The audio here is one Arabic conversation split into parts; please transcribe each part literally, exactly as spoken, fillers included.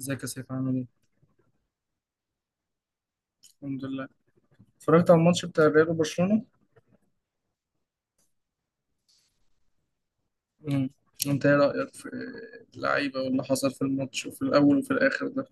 ازيك يا سيف، عامل ايه؟ الحمد لله. اتفرجت على الماتش بتاع الريال وبرشلونة؟ امم انت ايه رأيك في اللعيبة واللي حصل في الماتش وفي الأول وفي الآخر ده؟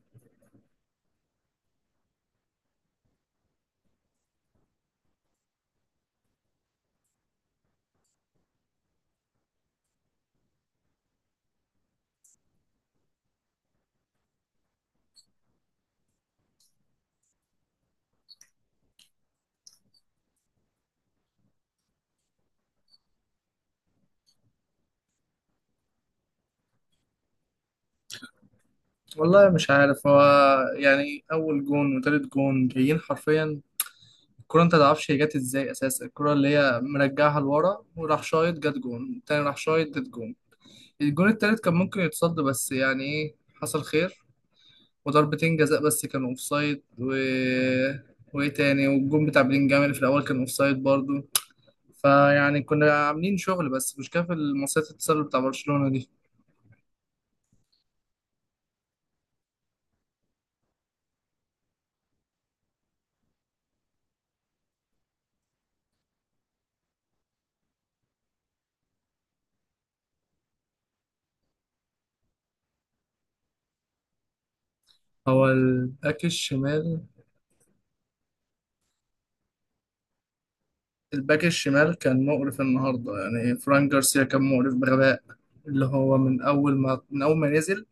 والله مش عارف. هو يعني اول جون وتالت جون جايين حرفيا. الكرة انت متعرفش هي جت ازاي اساسا. الكرة اللي هي مرجعها لورا وراح شايط جت جون، التاني راح شايط جت جون. الجون التالت كان ممكن يتصد، بس يعني ايه، حصل خير. وضربتين جزاء بس كانوا اوفسايد، و وايه تاني، والجون بتاع بلينجهام اللي في الاول كان اوفسايد برضو. فيعني كنا عاملين شغل بس مش كافي المصيدة التسلل بتاع برشلونة دي. هو الباك الشمال، الباك الشمال كان مقرف النهاردة. يعني فران جارسيا كان مقرف بغباء، اللي هو من أول ما من أول ما نزل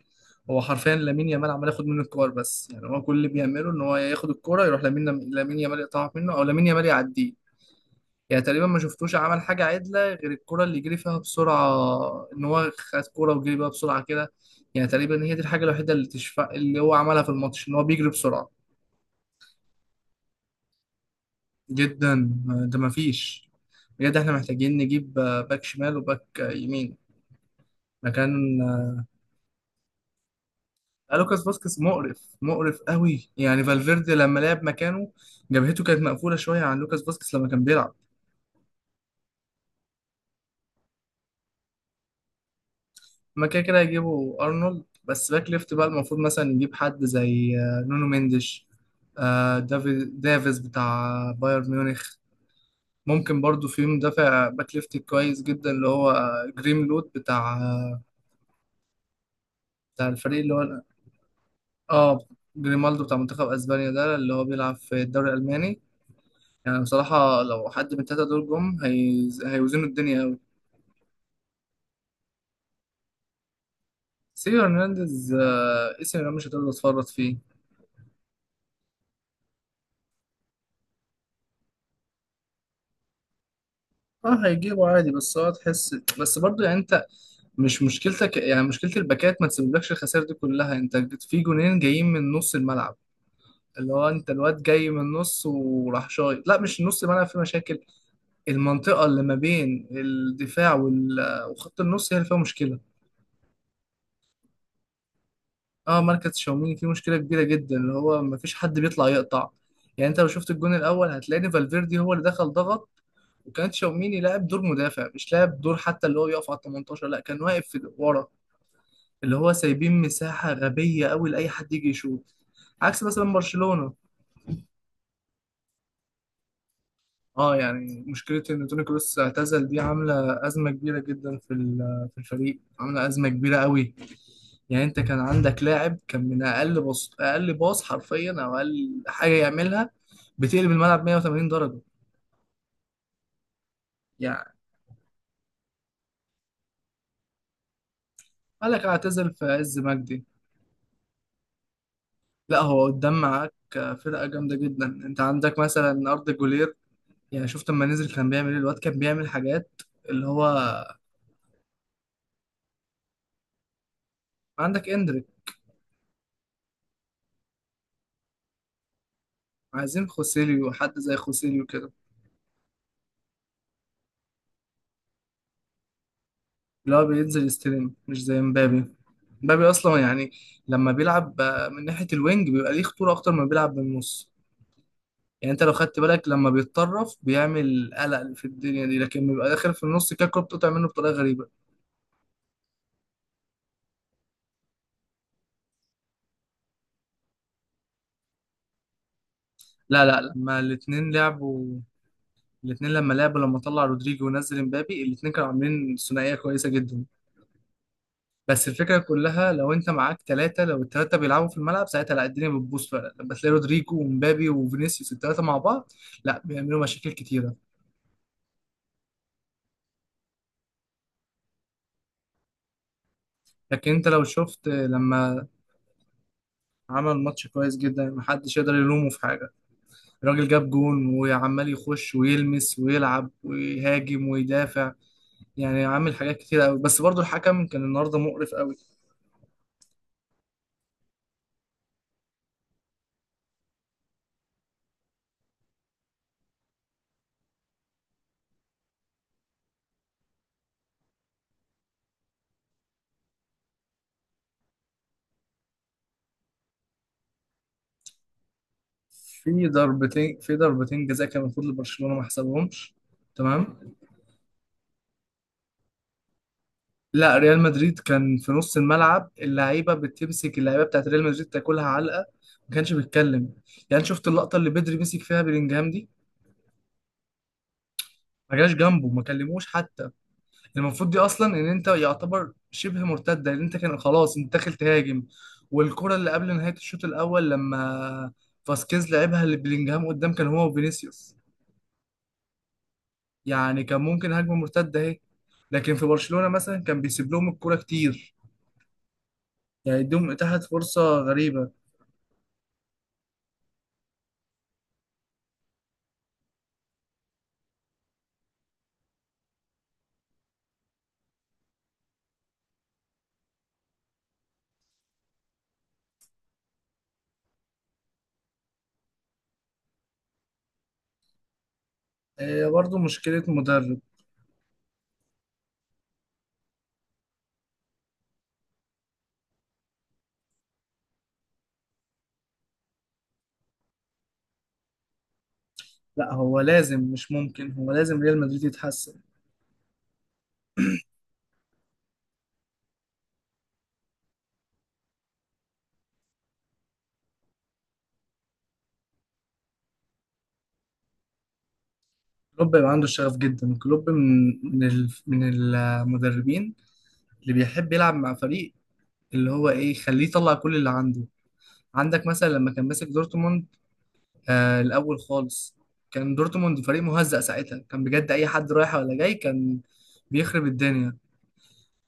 هو حرفيا، لامين يامال عمال ياخد منه الكور. بس يعني هو كل اللي بيعمله إن هو ياخد الكورة يروح لامين، لامين يامال يقطعها منه أو لامين يامال يعديه. يعني تقريبا ما شفتوش عمل حاجة عدلة غير الكرة اللي جري فيها بسرعة، إن هو خد كرة وجري بيها بسرعة كده. يعني تقريبا هي دي الحاجة الوحيدة اللي تشفى اللي هو عملها في الماتش، إن هو بيجري بسرعة. جدا، ده ما فيش. بجد إحنا محتاجين نجيب آه، باك شمال وباك آه، يمين. مكان آه، لوكاس فاسكيز، مقرف مقرف قوي يعني فالفيردي لما لعب مكانه جبهته كانت مقفولة شوية عن لوكاس فاسكيز لما كان بيلعب. ما كده كده هيجيبوا ارنولد. بس باك ليفت بقى المفروض مثلا يجيب حد زي آه، نونو مينديش، آه، دافي- دافيز بتاع بايرن ميونخ. ممكن برضو في مدافع باك ليفت كويس جدا، اللي هو آه، جريملود بتاع آه، بتاع الفريق اللي هو. اه، جريمالدو بتاع منتخب اسبانيا ده اللي هو بيلعب في الدوري الالماني. يعني بصراحة لو حد من التلاتة دول جم، هي... هيوزنوا الدنيا قوي. سيو هرنانديز آه، اسم أنا مش هتقدر تتفرط فيه. اه هيجيبه عادي. بس هو تحس بس برضو، يعني انت مش مشكلتك، يعني مشكلة الباكات ما تسببلكش الخسائر دي كلها. انت في جونين جايين من نص الملعب، اللي هو انت الواد جاي من النص وراح شايط. لا، مش نص الملعب في مشاكل، المنطقة اللي ما بين الدفاع وال- وخط النص هي اللي فيها مشكلة. اه، مركز تشاوميني فيه مشكلة كبيرة جدا، اللي هو ما فيش حد بيطلع يقطع. يعني انت لو شفت الجون الاول هتلاقي فالفيردي هو اللي دخل ضغط، وكان تشاوميني لاعب دور مدافع مش لاعب دور، حتى اللي هو يقف على ال تمنتاشر، لا كان واقف في- ورا، اللي هو سايبين مساحة غبية قوي لأي حد يجي يشوط. عكس مثلا برشلونة. اه يعني مشكلة ان توني كروس اعتزل دي عاملة أزمة كبيرة جدا في ال- في الفريق، عاملة أزمة كبيرة قوي. يعني انت كان عندك لاعب كان من أقل باص، أقل باص حرفيا أو أقل حاجة يعملها بتقلب الملعب مية وتمانين درجة. يعني قالك اعتزل في عز مجدي. لا، هو قدام معاك فرقة جامدة جدا. انت عندك مثلا أرض جولير، يعني شفت لما نزل كان بيعمل ايه، الواد كان بيعمل حاجات اللي هو. عندك اندريك. عايزين خوسيليو، حد زي خوسيليو كده، اللي هو بينزل يستلم مش زي مبابي. مبابي اصلا يعني لما بيلعب آه، من ناحيه الوينج بيبقى ليه خطوره اكتر ما بيلعب من النص. يعني انت لو خدت بالك لما بيتطرف بيعمل قلق في الدنيا دي، لكن بيبقى داخل في النص كده الكوره بتقطع منه بطريقه غريبه. لا لا لما الاثنين لعبوا، الاثنين لما لعبوا لما طلع رودريجو ونزل مبابي الاثنين كانوا عاملين ثنائيه كويسه جدا. بس الفكرة كلها لو انت معاك ثلاثة، لو الثلاثة بيلعبوا في الملعب ساعتها لا، الدنيا بتبوظ فعلا لما تلاقي رودريجو ومبابي وفينيسيوس الثلاثة مع بعض. لا، بيعملوا مشاكل كتيرة. لكن انت لو شفت لما عمل ماتش كويس جدا محدش يقدر يلومه في حاجة. الراجل جاب جون وعمال يخش ويلمس ويلعب ويهاجم ويدافع. يعني عامل حاجات كتيرة قوي. بس برضو الحكم كان النهاردة مقرف قوي. في ضربتين في ضربتين جزاء كان المفروض لبرشلونة ما حسبهمش. تمام. لا، ريال مدريد كان في نص الملعب اللعيبه بتمسك، اللعيبه بتاعت ريال مدريد تاكلها علقه ما كانش بيتكلم. يعني شفت اللقطه اللي بدري مسك فيها بلينجهام دي، ما جاش جنبه، ما كلموش حتى. المفروض دي اصلا ان انت يعتبر شبه مرتده، لان انت كان خلاص انت داخل تهاجم. والكره اللي قبل نهايه الشوط الاول لما فاسكيز لعبها لبلينجهام قدام كان هو وفينيسيوس، يعني كان ممكن هجمه مرتده اهي. لكن في برشلونه مثلا كان بيسيب لهم الكره كتير، يعني يديهم اتاحت فرصه غريبه. هي برضه مشكلة مدرب. لا، هو لازم، مش ممكن، هو لازم ريال مدريد يتحسن. كلوب يبقى عنده الشغف جدا. كلوب من من ال- من المدربين اللي بيحب يلعب مع فريق، اللي هو ايه، يخليه يطلع كل اللي عنده. عندك مثلا لما كان ماسك دورتموند آه الأول خالص، كان دورتموند فريق مهزأ ساعتها، كان بجد أي حد رايح ولا جاي كان بيخرب الدنيا.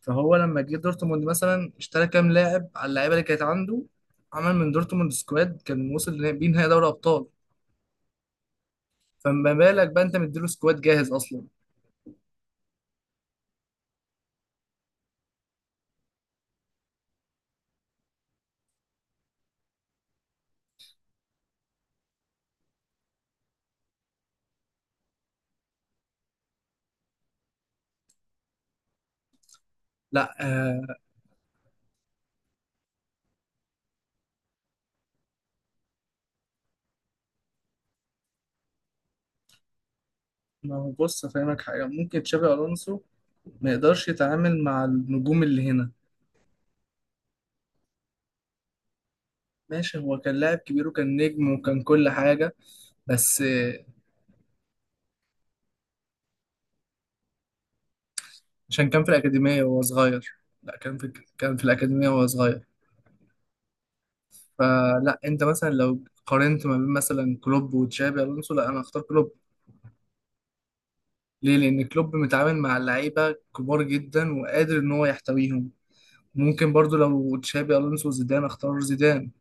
فهو لما جه دورتموند مثلا اشترى كام لاعب على اللعيبة اللي كانت عنده، عمل من دورتموند سكواد كان وصل لنا- بيه نهائي دوري أبطال. فما بالك بقى انت مديله سكواد جاهز اصلا. لا آه. ما هو بص افهمك حاجه، ممكن تشابي الونسو ما يقدرش يتعامل مع النجوم اللي هنا. ماشي، هو كان لاعب كبير وكان نجم وكان كل حاجه. بس آه، عشان كان في الاكاديميه وهو صغير. لا كان في، كان في الاكاديميه وهو صغير. فلا انت مثلا لو قارنت ما بين مثلا كلوب وتشابي الونسو، لا انا اختار كلوب. ليه؟ لان كلوب متعامل مع اللعيبه كبار جدا وقادر ان هو يحتويهم. ممكن برضو لو تشابي الونسو زيدان، اختار زيدان.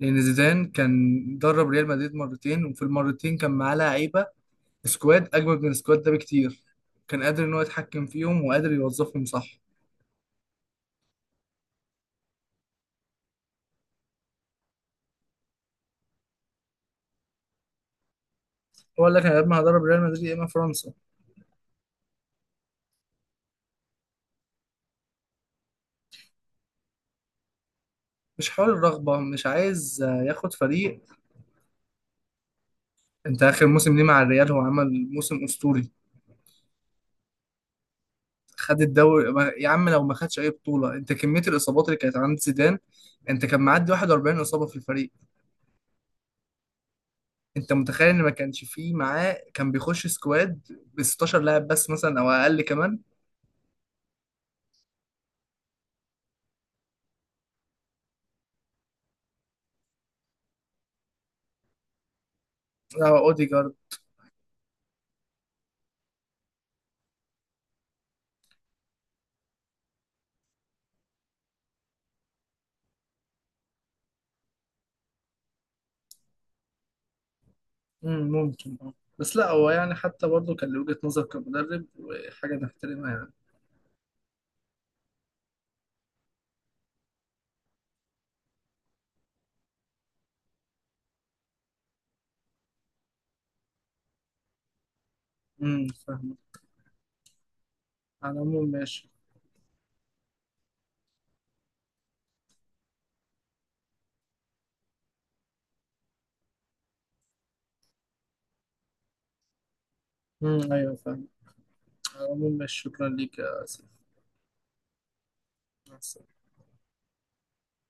لأن زيدان كان درب ريال مدريد مرتين وفي المرتين كان معاه لعيبة، سكواد أجمد من السكواد ده بكتير، كان قادر إن هو يتحكم فيهم وقادر يوظفهم صح. هو قال لك أنا يا إما هدرب ريال مدريد يا إما فرنسا. مش حول الرغبة، مش عايز آه، ياخد فريق. أنت آخر موسم ليه مع الريال هو عمل موسم أسطوري. خد الدوري. ما- يا عم لو ما خدش أي بطولة، أنت كمية الإصابات اللي كانت عند زيدان، أنت كان معدي واحد واربعين إصابة في الفريق. أنت متخيل إن ما كانش فيه معاه، كان بيخش سكواد ب ستاشر لاعب بس مثلا أو أقل كمان. اه اوديجارد. مم، ممكن اه. بس لا، هو يعني حتى برضه كان له وجهة نظر كمدرب وحاجة نحترمها يعني. امم فاهم. على العموم ماشي. امم ايوه فاهم. على العموم ماشي. شكرا ليك يا سيف. مع السلامة.